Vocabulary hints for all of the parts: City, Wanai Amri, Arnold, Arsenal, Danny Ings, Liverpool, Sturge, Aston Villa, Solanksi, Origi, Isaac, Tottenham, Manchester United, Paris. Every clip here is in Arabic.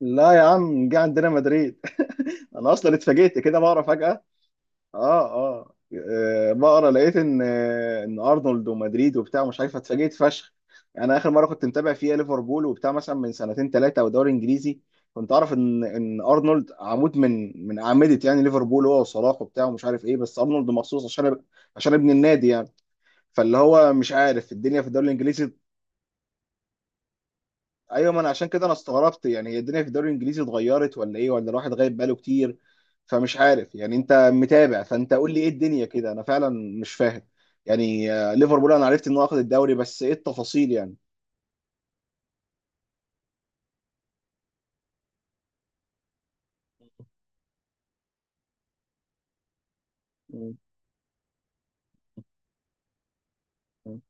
لا يا عم جه عندنا مدريد. انا اصلا اتفاجئت كده بقرا فجأة. اه اه بقرا لقيت ان ان ارنولد ومدريد وبتاع مش عارف اتفاجئت فشخ. انا اخر مره كنت متابع فيها ليفربول وبتاع مثلا من سنتين ثلاثه او دوري انجليزي كنت اعرف ان ارنولد عمود من اعمده يعني ليفربول هو وصلاح وبتاع ومش عارف ايه، بس ارنولد مخصوص عشان ابن النادي يعني. فاللي هو مش عارف الدنيا في الدوري الانجليزي. ايوه، ما انا عشان كده انا استغربت، يعني هي الدنيا في الدوري الانجليزي اتغيرت ولا ايه، ولا الواحد غايب بقاله كتير. فمش عارف، يعني انت متابع فانت قول لي ايه الدنيا كده، انا فعلا مش فاهم. يعني ليفربول انا عرفت انه اخذ الدوري، بس ايه التفاصيل يعني؟ م- م-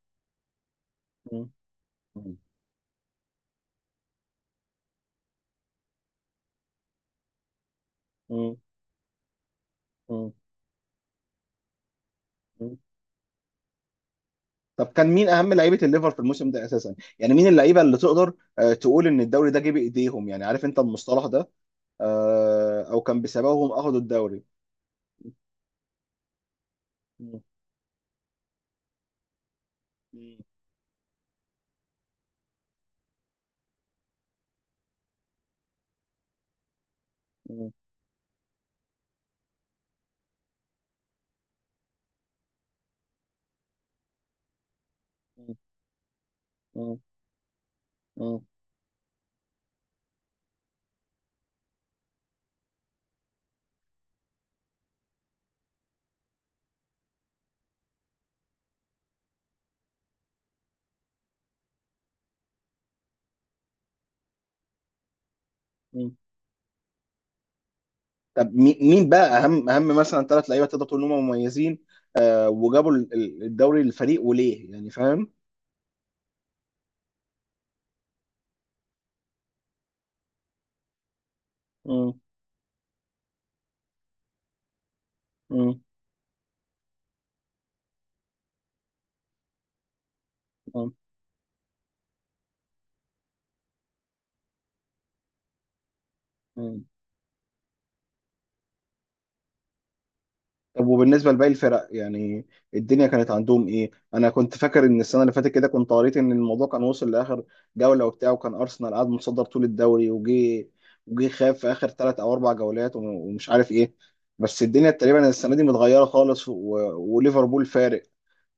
م- م- م- م. طب كان مين اهم لعيبه الليفر في الموسم ده اساسا، يعني مين اللعيبه اللي تقدر تقول ان الدوري ده جه بايديهم، يعني عارف انت المصطلح ده، او كان بسببهم اخذوا الدوري. م- م- م- م- م- م. طب مين بقى اهم اهم مثلا ثلاث لعيبه تقدر تقول ان هم مميزين وجابوا الدوري للفريق، وليه يعني، فاهم؟ مم. مم. مم. مم. طب وبالنسبه لباقي الفرق يعني الدنيا كانت عندهم ايه؟ انا كنت فاكر ان السنه اللي فاتت كده كنت قريت ان الموضوع كان وصل لاخر جوله وبتاع، وكان ارسنال قاعد متصدر طول الدوري وجي خاف في اخر ثلاث او اربع جولات ومش عارف ايه. بس الدنيا تقريبا السنه دي متغيره خالص وليفربول فارق.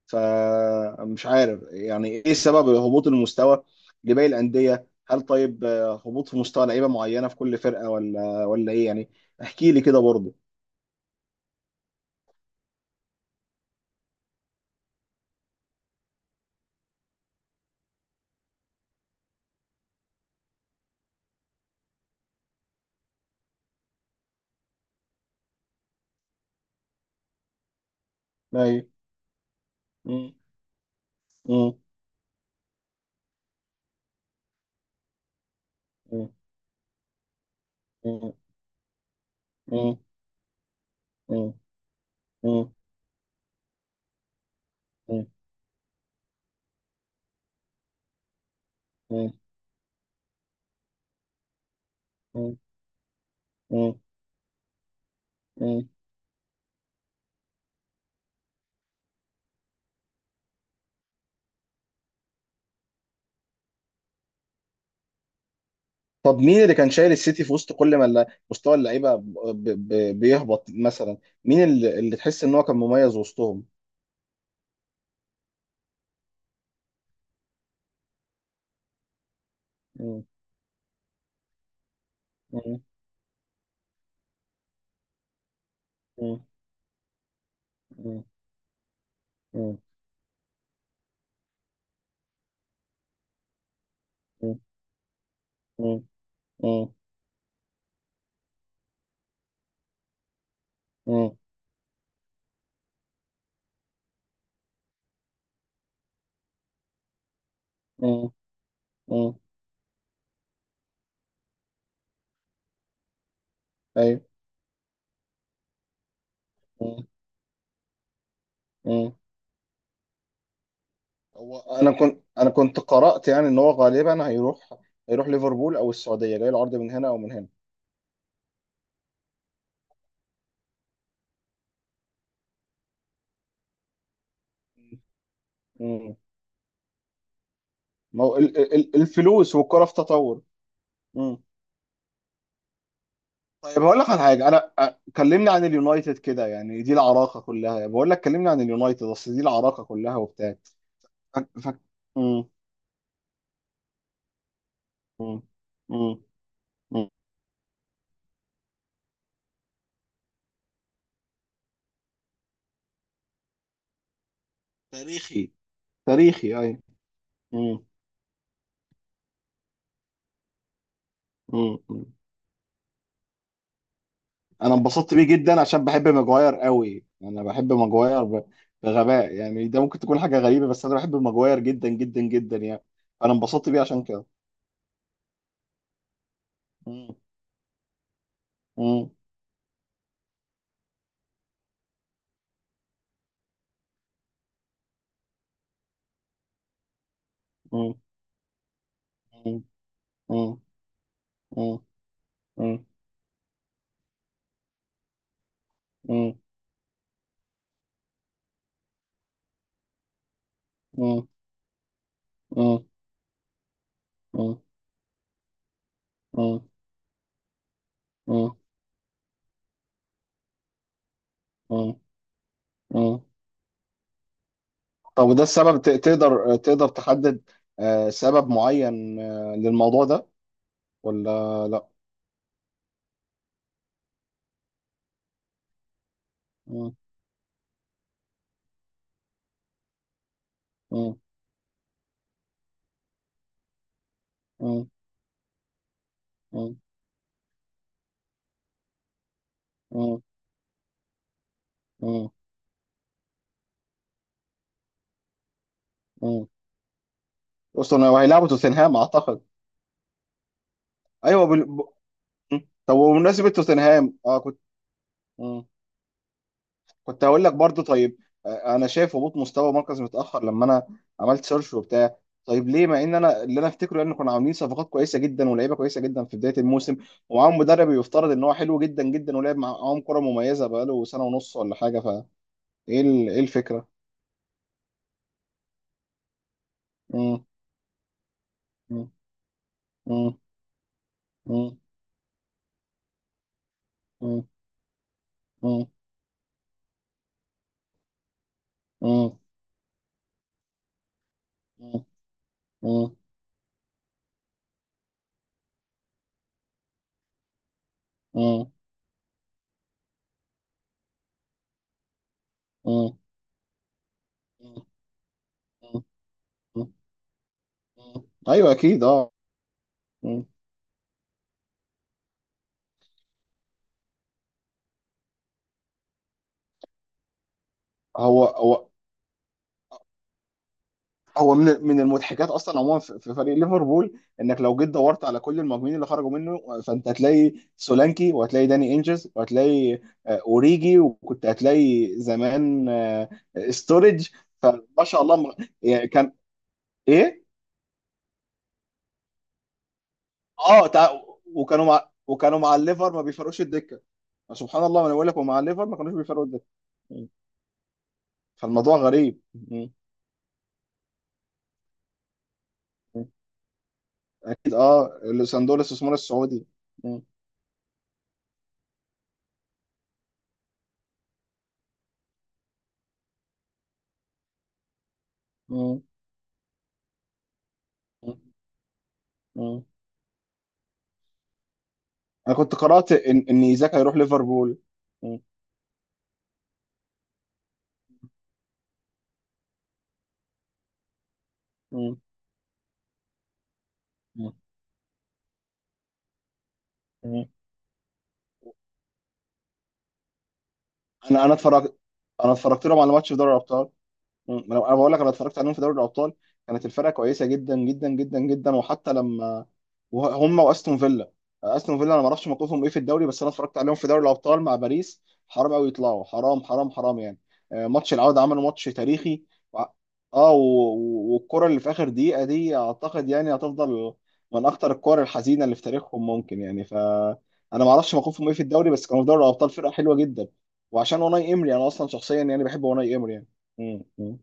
فمش عارف يعني ايه السبب، هبوط المستوى لباقي الانديه، هل طيب هبوط في مستوى لعيبه معينه في كل فرقه ولا ايه يعني؟ احكي لي كده برضه. ايوه. مم. مم. مم. مم. مم. مم. مم. مم. مم. مم. مم. مم. طب مين اللي كان شايل السيتي في وسط كل ما مستوى اللعيبه بيهبط مثلا، مين اللي تحس ان هو كان مميز وسطهم؟ مم. مم. مم. مم. مم. مم. مم. مم. مم. مم. ايوه. مم. مم. هو انا كنت قرأت يعني ان هو غالبا هيروح ليفربول او السعودية، جاي العرض من هنا او من هنا. مم. ما هو الفلوس والكرة في تطور. مم. طيب هقول لك على حاجة، انا كلمني عن اليونايتد كده، يعني دي العراقة كلها، بقول لك كلمني عن اليونايتد اصل دي العراقة كلها وبتاع. فك... فك... مم. مم. مم. مم. تاريخي. تاريخي، ايوه. مم. مم. انا انبسطت بيه جدا عشان بحب ماجواير قوي، انا بحب ماجواير بغباء يعني. ده ممكن تكون حاجه غريبه، بس انا بحب ماجواير جدا جدا جدا يعني. انا انبسطت بيه عشان كده. مم. مم. مم. مم. مم. مم. مم. مم. مم. مم. مم. مم. مم. مم. طب وده السبب، تقدر تحدد سبب معين للموضوع ده ولا لا؟ مم. مم. مم. مم. مم. مم. أصلا وهيلعبوا توتنهام أعتقد. أيوه م. طب وبمناسبة توتنهام أه كنت. م. كنت هقول لك برضو طيب، أنا شايف هبوط مستوى مركز متأخر لما أنا عملت سيرش وبتاع. طيب ليه، مع إن أنا اللي أنا أفتكره إن كنا عاملين صفقات كويسة جدا ولاعيبة كويسة جدا في بداية الموسم، ومعاهم مدرب يفترض إن هو حلو جدا جدا ولعب معاهم كرة مميزة بقاله سنة ونص ولا حاجة، فإيه إيه الفكرة؟ م. م. م. م. م. م. م. م. م. م. م. م. مم. ايوه اكيد اه. مم. هو هو هو من المضحكات اصلا عموما في فريق ليفربول انك لو جيت دورت على كل المهاجمين اللي خرجوا منه، فانت هتلاقي سولانكي، وهتلاقي داني انجز، وهتلاقي اوريجي، وكنت هتلاقي زمان ستورج. فما شاء الله. يعني كان ايه. اه وكانوا مع الليفر ما بيفرقوش الدكه. سبحان الله، ما انا بقول لك، ومع الليفر ما كانوش بيفرقوا الدكه. مم. فالموضوع غريب. مم. اكيد اه. صندوق الاستثمار السعودي. م- م- م- م. انا كنت قرأت ان ايزاك هيروح ليفربول. م- م- م- م. انا اتفرجت، انا اتفرجت لهم على ماتش في دوري الابطال. مم. انا بقول لك انا اتفرجت عليهم في دوري الابطال، كانت الفرقه كويسه جدا جدا جدا جدا، وحتى لما هم واستون فيلا. استون فيلا انا ما اعرفش موقفهم ايه في الدوري، بس انا اتفرجت عليهم في دوري الابطال مع باريس. حرام قوي يطلعوا، حرام حرام حرام يعني. ماتش العوده عملوا ماتش تاريخي. وع- اه والكره اللي في اخر دقيقه دي اعتقد يعني هتفضل من اخطر الكور الحزينه اللي في تاريخهم ممكن يعني. ف انا ما اعرفش موقفهم ايه في الدوري، بس كانوا في دوري الابطال فرقه حلوه جدا. وعشان وناي امري، انا اصلا شخصيا يعني بحب وناي امري يعني. مم. مم.